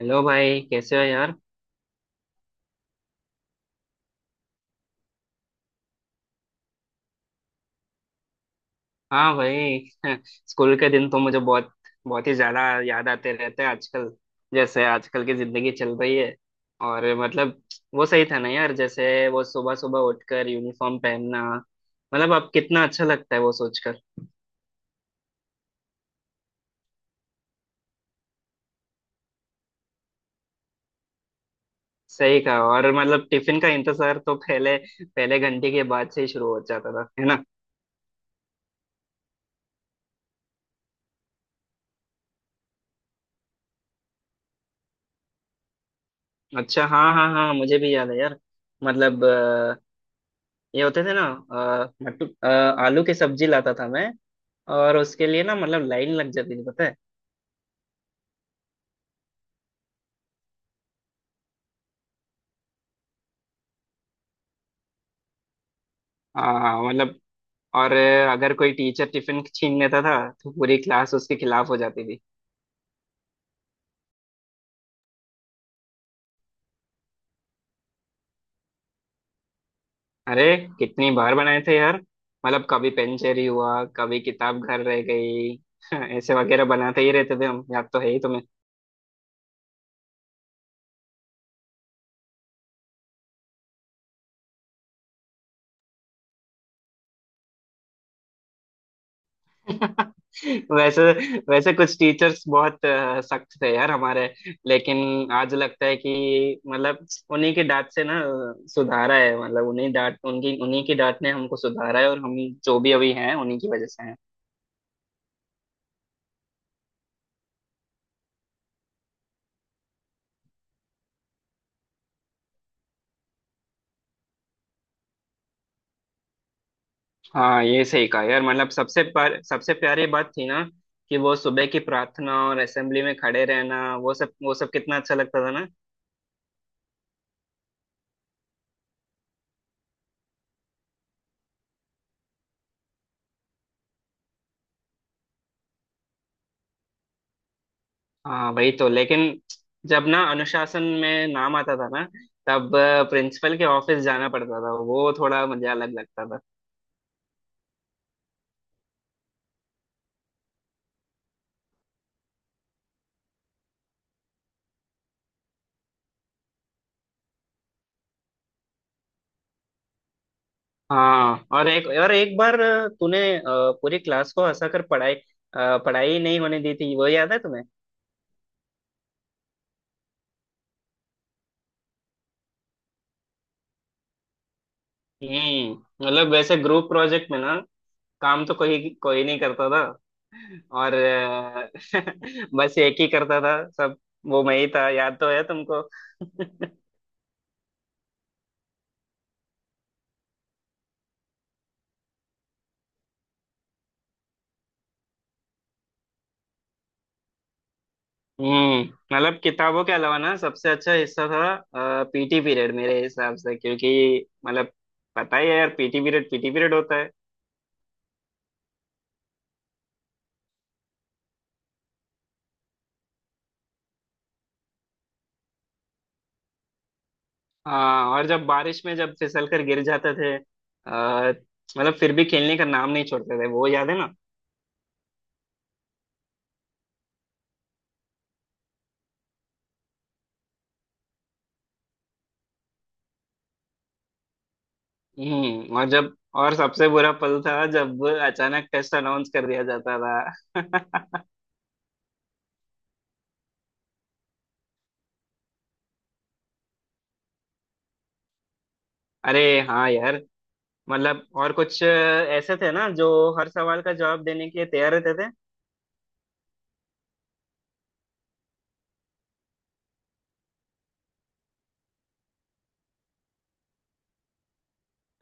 Hello भाई कैसे हो यार। हाँ भाई। स्कूल के दिन तो मुझे बहुत बहुत ही ज्यादा याद आते रहते हैं आजकल। जैसे आजकल की जिंदगी चल रही है और मतलब वो सही था ना यार, जैसे वो सुबह सुबह उठकर यूनिफॉर्म पहनना। मतलब अब कितना अच्छा लगता है वो सोचकर। सही कहा, और मतलब टिफिन का इंतजार तो पहले पहले घंटे के बाद से ही शुरू हो जाता था, है ना। अच्छा, हाँ हाँ हाँ, मुझे भी याद है यार। मतलब ये होते थे ना, अ, मटू- अ, आलू की सब्जी लाता था मैं, और उसके लिए ना मतलब लाइन लग जाती थी, पता है। हाँ मतलब, और अगर कोई टीचर टिफिन छीन लेता था तो पूरी क्लास उसके खिलाफ हो जाती थी। अरे कितनी बार बनाए थे यार। मतलब कभी पेन चोरी हुआ, कभी किताब घर रह गई, ऐसे वगैरह बनाते ही रहते थे हम, याद तो है ही। वैसे वैसे कुछ टीचर्स बहुत सख्त थे यार हमारे, लेकिन आज लगता है कि मतलब उन्हीं की डांट से ना सुधारा है। मतलब उन्हीं की डांट ने हमको सुधारा है, और हम जो भी अभी हैं उन्हीं की वजह से हैं। हाँ ये सही कहा यार, मतलब सबसे प्यारी बात थी ना, कि वो सुबह की प्रार्थना और असेंबली में खड़े रहना, वो सब कितना अच्छा लगता था ना। हाँ वही तो, लेकिन जब ना अनुशासन में नाम आता था ना, तब प्रिंसिपल के ऑफिस जाना पड़ता था, वो थोड़ा मुझे अलग लगता था। हाँ, और एक बार तूने पूरी क्लास को हंसा कर पढ़ाई नहीं होने दी थी, वो याद है तुम्हें। हम्म। मतलब वैसे ग्रुप प्रोजेक्ट में ना, काम तो कोई कोई नहीं करता था, और बस एक ही करता था सब, वो मैं ही था, याद तो है तुमको। हम्म। मतलब किताबों के अलावा ना सबसे अच्छा हिस्सा था पीटी पीरियड मेरे हिसाब से, क्योंकि मतलब पता ही है यार, पीटी पीरियड होता है। हाँ, और जब बारिश में जब फिसल कर गिर जाते थे, आ, मतलब फिर भी खेलने का नाम नहीं छोड़ते थे, वो याद है ना। हम्म। और सबसे बुरा पल था जब अचानक टेस्ट अनाउंस कर दिया जाता था। अरे हाँ यार। मतलब और कुछ ऐसे थे ना जो हर सवाल का जवाब देने के लिए तैयार रहते थे।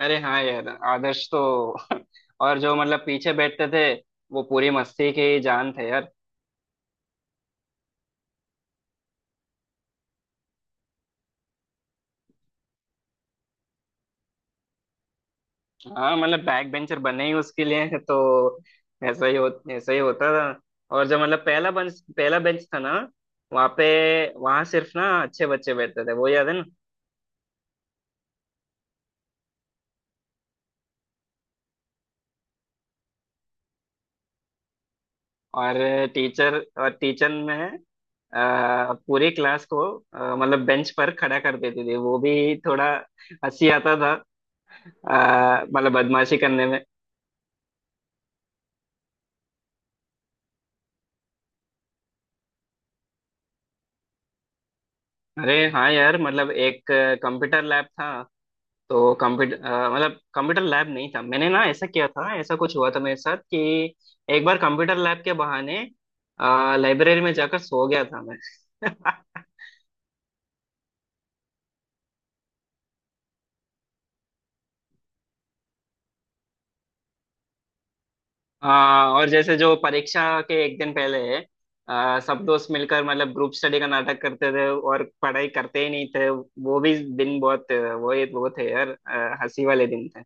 अरे हाँ यार आदर्श तो। और जो मतलब पीछे बैठते थे वो पूरी मस्ती के ही जान थे यार। हाँ मतलब बैक बेंचर बने ही उसके लिए तो। ऐसा ही हो ऐसा ही होता था। और जो मतलब पहला बेंच था ना, वहाँ पे वहाँ सिर्फ ना अच्छे बच्चे बैठते थे, वो याद है ना। और टीचर और टीचर में पूरी क्लास को मतलब बेंच पर खड़ा कर देती थी, वो भी थोड़ा हंसी आता था, मतलब बदमाशी करने में। अरे हाँ यार। मतलब एक कंप्यूटर लैब था, तो कंप्यूटर मतलब कंप्यूटर लैब नहीं था मैंने ना ऐसा किया था, ऐसा कुछ हुआ था मेरे साथ कि एक बार कंप्यूटर लैब के बहाने लाइब्रेरी में जाकर सो गया था मैं। और जैसे जो परीक्षा के एक दिन पहले सब दोस्त मिलकर मतलब ग्रुप स्टडी का नाटक करते थे और पढ़ाई करते ही नहीं थे, वो भी दिन बहुत वो थे यार, हंसी वाले दिन थे।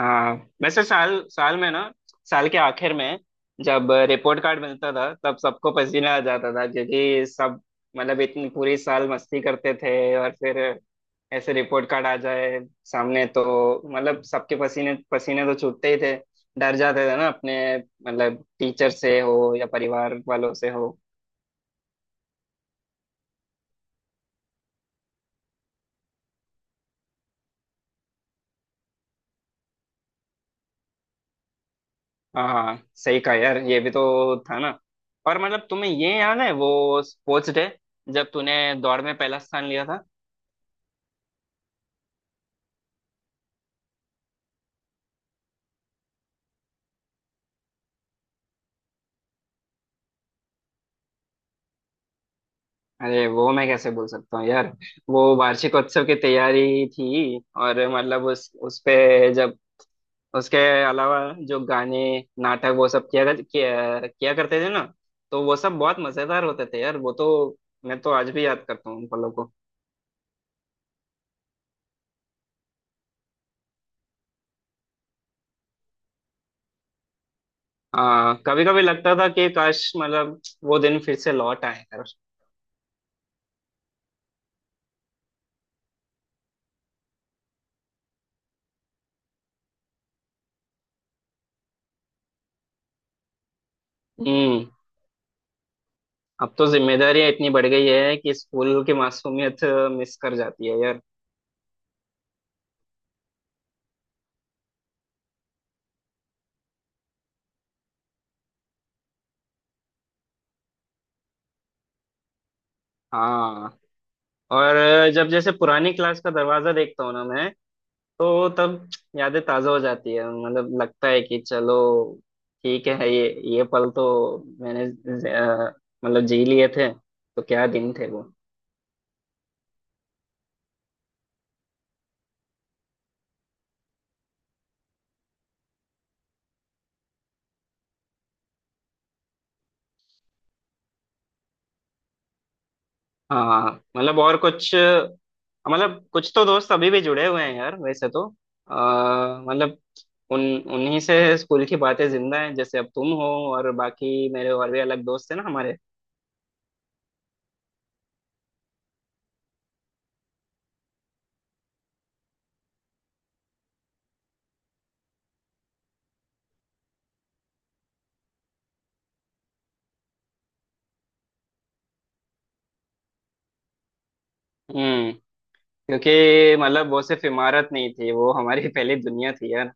हाँ। वैसे साल साल में ना साल के आखिर में जब रिपोर्ट कार्ड मिलता था तब सबको पसीना आ जाता था, क्योंकि सब मतलब इतनी पूरी साल मस्ती करते थे और फिर ऐसे रिपोर्ट कार्ड आ जाए सामने तो मतलब सबके पसीने पसीने तो छूटते ही थे। डर जाते थे ना अपने, मतलब टीचर से हो या परिवार वालों से हो। हाँ हाँ, सही कहा यार, ये भी तो था ना। और मतलब तुम्हें ये याद है वो स्पोर्ट्स डे जब तूने दौड़ में पहला स्थान लिया था। अरे वो मैं कैसे बोल सकता हूँ यार, वो वार्षिकोत्सव की तैयारी थी। और मतलब उस पे जब उसके अलावा जो गाने, नाटक वो सब किया करते थे ना, तो वो सब बहुत मजेदार होते थे यार वो तो। मैं तो आज भी याद करता हूँ उन पलों को। कभी कभी लगता था कि काश मतलब वो दिन फिर से लौट आए यार। हम्म। अब तो जिम्मेदारियां इतनी बढ़ गई है कि स्कूल की मासूमियत मिस कर जाती है यार। हाँ, और जब जैसे पुरानी क्लास का दरवाजा देखता हूँ ना मैं, तो तब यादें ताजा हो जाती है। मतलब लगता है कि चलो ठीक है, ये पल तो मैंने मतलब जी लिए थे, तो क्या दिन थे वो। हाँ मतलब, कुछ तो दोस्त अभी भी जुड़े हुए हैं यार वैसे तो। मतलब उन उन्हीं से स्कूल की बातें जिंदा हैं, जैसे अब तुम हो, और बाकी मेरे और भी अलग दोस्त हैं ना हमारे। हम्म। क्योंकि मतलब वो सिर्फ इमारत नहीं थी, वो हमारी पहली दुनिया थी यार।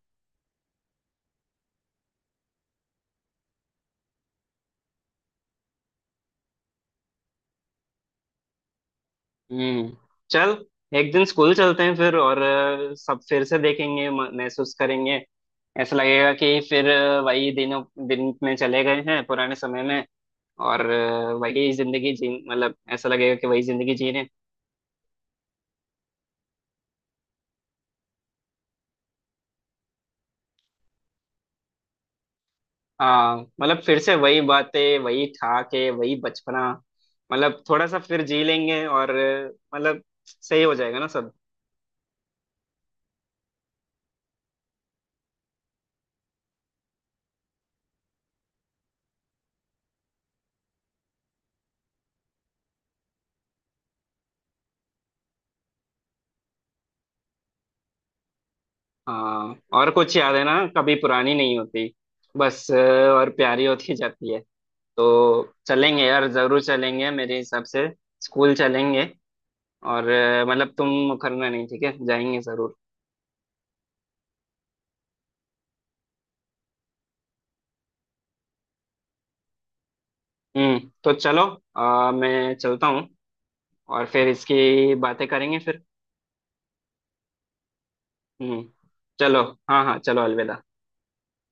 हम्म। चल एक दिन स्कूल चलते हैं फिर, और सब फिर से देखेंगे, महसूस करेंगे। ऐसा लगेगा कि फिर वही दिनों दिन में चले गए हैं पुराने समय में, और अ, वही जिंदगी जी मतलब ऐसा लगेगा कि वही जिंदगी जी रहे हैं। हाँ मतलब फिर से वही बातें, वही ठहाके, वही बचपना, मतलब थोड़ा सा फिर जी लेंगे, और मतलब सही हो जाएगा ना सब। हाँ, और कुछ यादें ना कभी पुरानी नहीं होती, बस और प्यारी होती जाती है। तो चलेंगे यार, जरूर चलेंगे मेरे हिसाब से। स्कूल चलेंगे, और मतलब तुम मुकरना नहीं, ठीक है, जाएंगे जरूर। हम्म, तो चलो, मैं चलता हूँ, और फिर इसकी बातें करेंगे फिर। हम्म, चलो, हाँ हाँ, चलो अलविदा।